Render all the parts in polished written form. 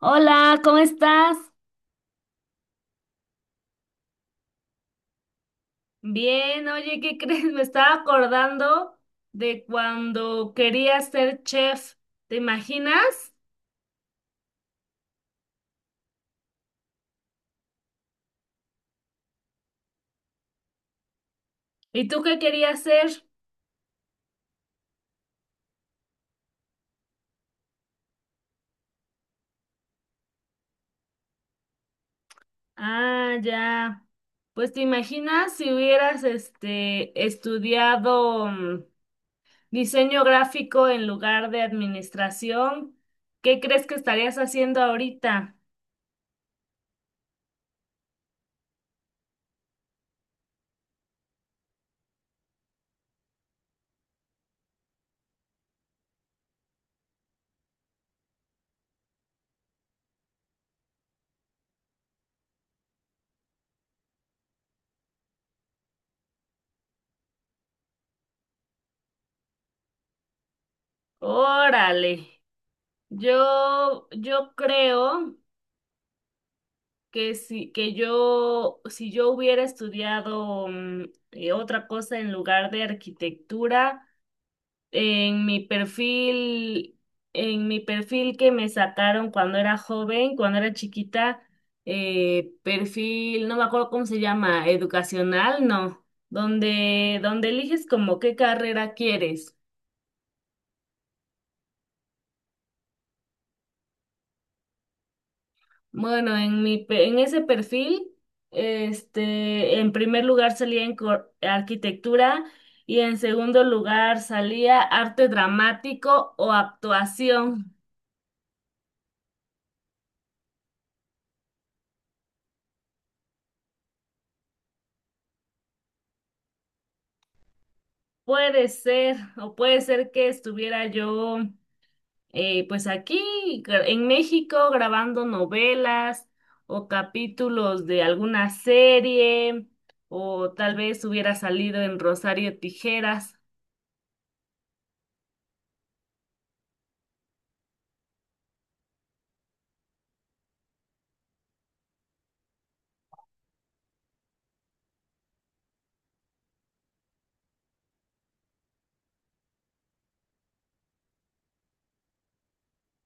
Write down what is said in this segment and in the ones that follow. Hola, ¿cómo estás? Bien, oye, ¿qué crees? Me estaba acordando de cuando quería ser chef, ¿te imaginas? ¿Y tú qué querías ser? Ah, ya. Pues te imaginas si hubieras estudiado diseño gráfico en lugar de administración, ¿qué crees que estarías haciendo ahorita? Órale. Yo creo que si yo hubiera estudiado otra cosa en lugar de arquitectura en mi perfil en mi perfil que me sacaron cuando era joven, cuando era chiquita, perfil, no me acuerdo cómo se llama, educacional, no, donde eliges como qué carrera quieres. Bueno, en ese perfil, este, en primer lugar salía arquitectura y en segundo lugar salía arte dramático o actuación. Puede ser, o puede ser que estuviera yo, pues aquí en México grabando novelas o capítulos de alguna serie, o tal vez hubiera salido en Rosario Tijeras.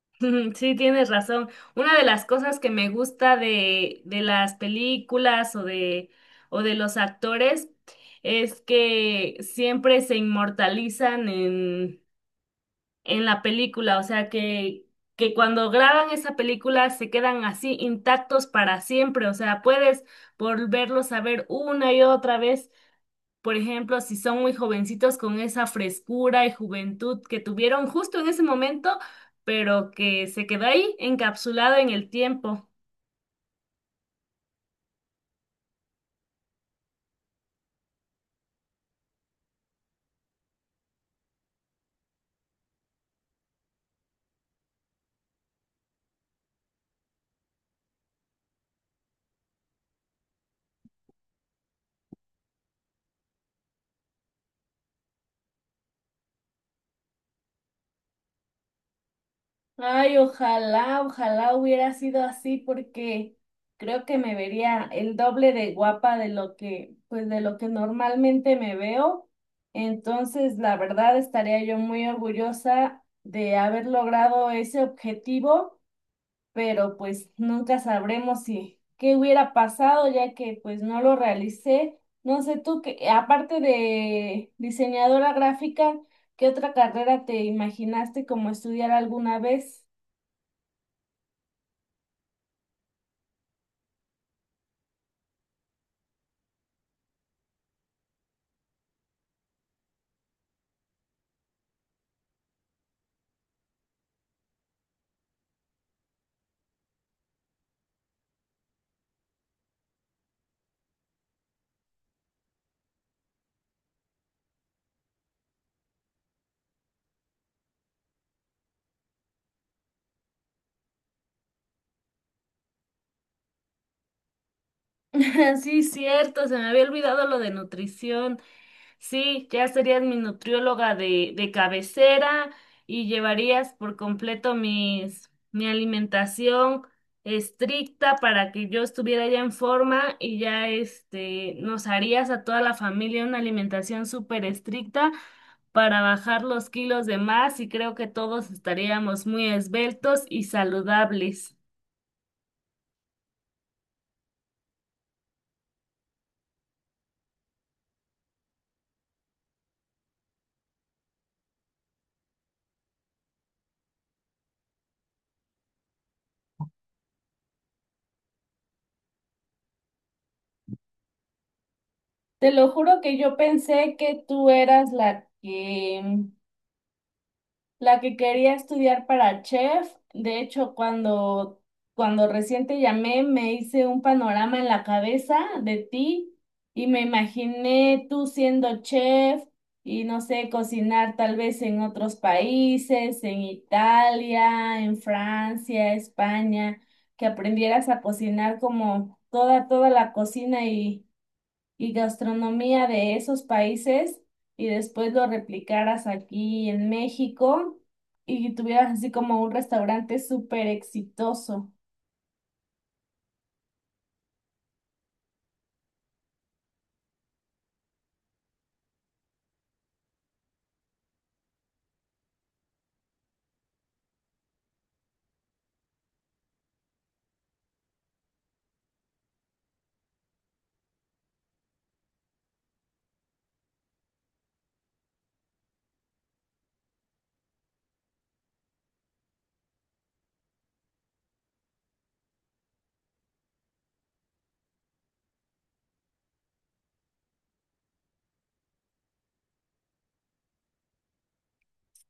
Sí, tienes razón. Una de las cosas que me gusta de las películas o de los actores es que siempre se inmortalizan en la película, o sea que cuando graban esa película se quedan así intactos para siempre, o sea, puedes volverlos a ver una y otra vez por ejemplo, si son muy jovencitos con esa frescura y juventud que tuvieron justo en ese momento, pero que se quedó ahí encapsulado en el tiempo. Ay, ojalá, ojalá hubiera sido así porque creo que me vería el doble de guapa de lo que, pues de lo que normalmente me veo. Entonces, la verdad, estaría yo muy orgullosa de haber logrado ese objetivo pero pues nunca sabremos si qué hubiera pasado ya que pues no lo realicé. No sé tú que aparte de diseñadora gráfica, ¿qué otra carrera te imaginaste como estudiar alguna vez? Sí, cierto, se me había olvidado lo de nutrición. Sí, ya serías mi nutrióloga de cabecera y llevarías por completo mi alimentación estricta para que yo estuviera ya en forma y ya este, nos harías a toda la familia una alimentación súper estricta para bajar los kilos de más y creo que todos estaríamos muy esbeltos y saludables. Te lo juro que yo pensé que tú eras la que la que quería estudiar para chef, de hecho, cuando recién te llamé, me hice un panorama en la cabeza de ti y me imaginé tú siendo chef y no sé, cocinar tal vez en otros países, en Italia, en Francia, España, que aprendieras a cocinar como toda la cocina y gastronomía de esos países y después lo replicaras aquí en México y tuvieras así como un restaurante súper exitoso.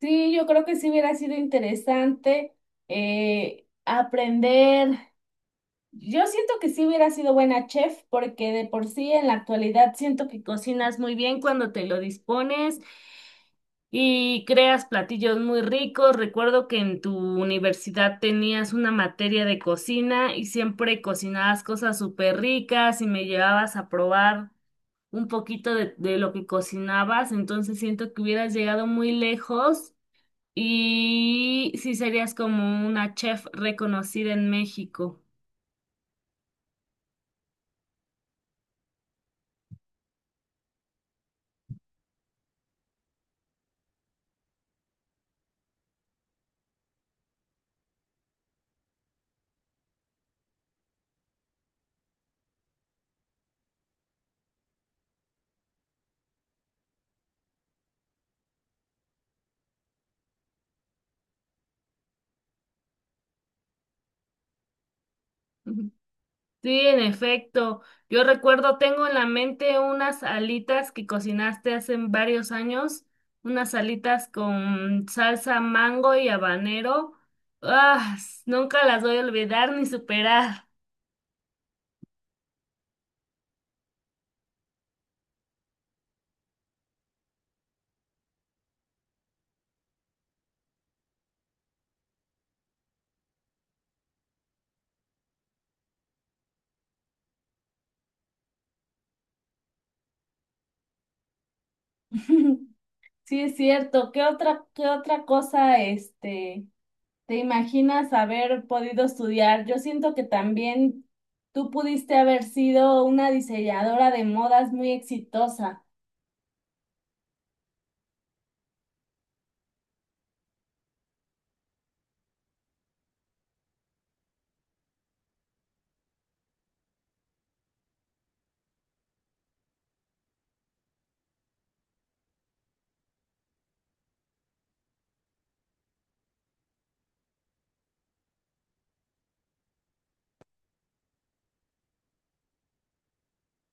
Sí, yo creo que sí hubiera sido interesante aprender. Yo siento que sí hubiera sido buena chef porque de por sí en la actualidad siento que cocinas muy bien cuando te lo dispones y creas platillos muy ricos. Recuerdo que en tu universidad tenías una materia de cocina y siempre cocinabas cosas súper ricas y me llevabas a probar un poquito de lo que cocinabas. Entonces siento que hubieras llegado muy lejos y sí serías como una chef reconocida en México. Sí, en efecto. Yo recuerdo, tengo en la mente unas alitas que cocinaste hace varios años, unas alitas con salsa mango y habanero. Ah, nunca las voy a olvidar ni superar. Sí, es cierto. ¿Qué otra cosa, este, te imaginas haber podido estudiar? Yo siento que también tú pudiste haber sido una diseñadora de modas muy exitosa.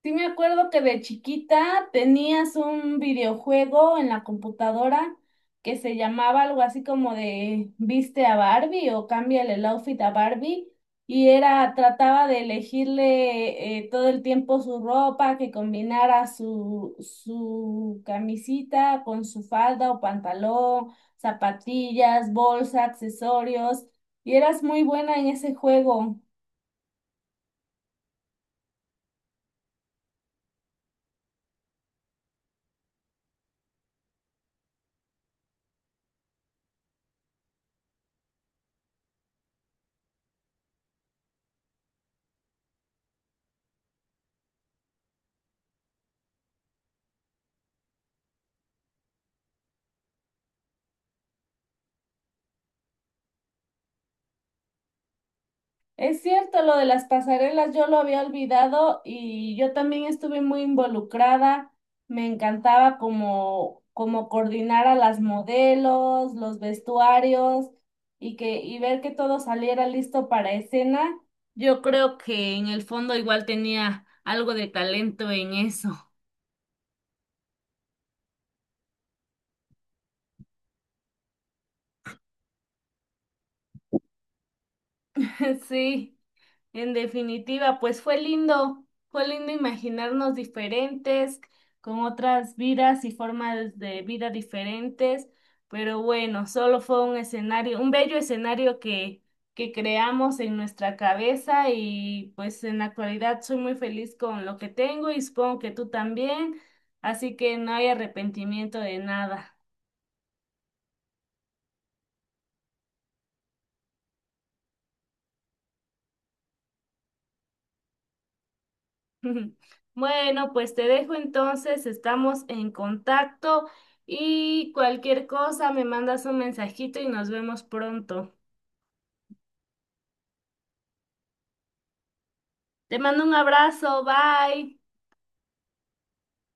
Sí me acuerdo que de chiquita tenías un videojuego en la computadora que se llamaba algo así como de viste a Barbie o cámbiale el outfit a Barbie y era trataba de elegirle todo el tiempo su ropa que combinara su camisita con su falda o pantalón, zapatillas, bolsa, accesorios y eras muy buena en ese juego. Es cierto, lo de las pasarelas yo lo había olvidado y yo también estuve muy involucrada. Me encantaba como coordinar a las modelos, los vestuarios y y ver que todo saliera listo para escena. Yo creo que en el fondo igual tenía algo de talento en eso. Sí. En definitiva, pues fue lindo imaginarnos diferentes, con otras vidas y formas de vida diferentes, pero bueno, solo fue un escenario, un bello escenario que creamos en nuestra cabeza y pues en la actualidad soy muy feliz con lo que tengo y supongo que tú también, así que no hay arrepentimiento de nada. Bueno, pues te dejo entonces, estamos en contacto y cualquier cosa me mandas un mensajito y nos vemos pronto. Te mando un abrazo, bye.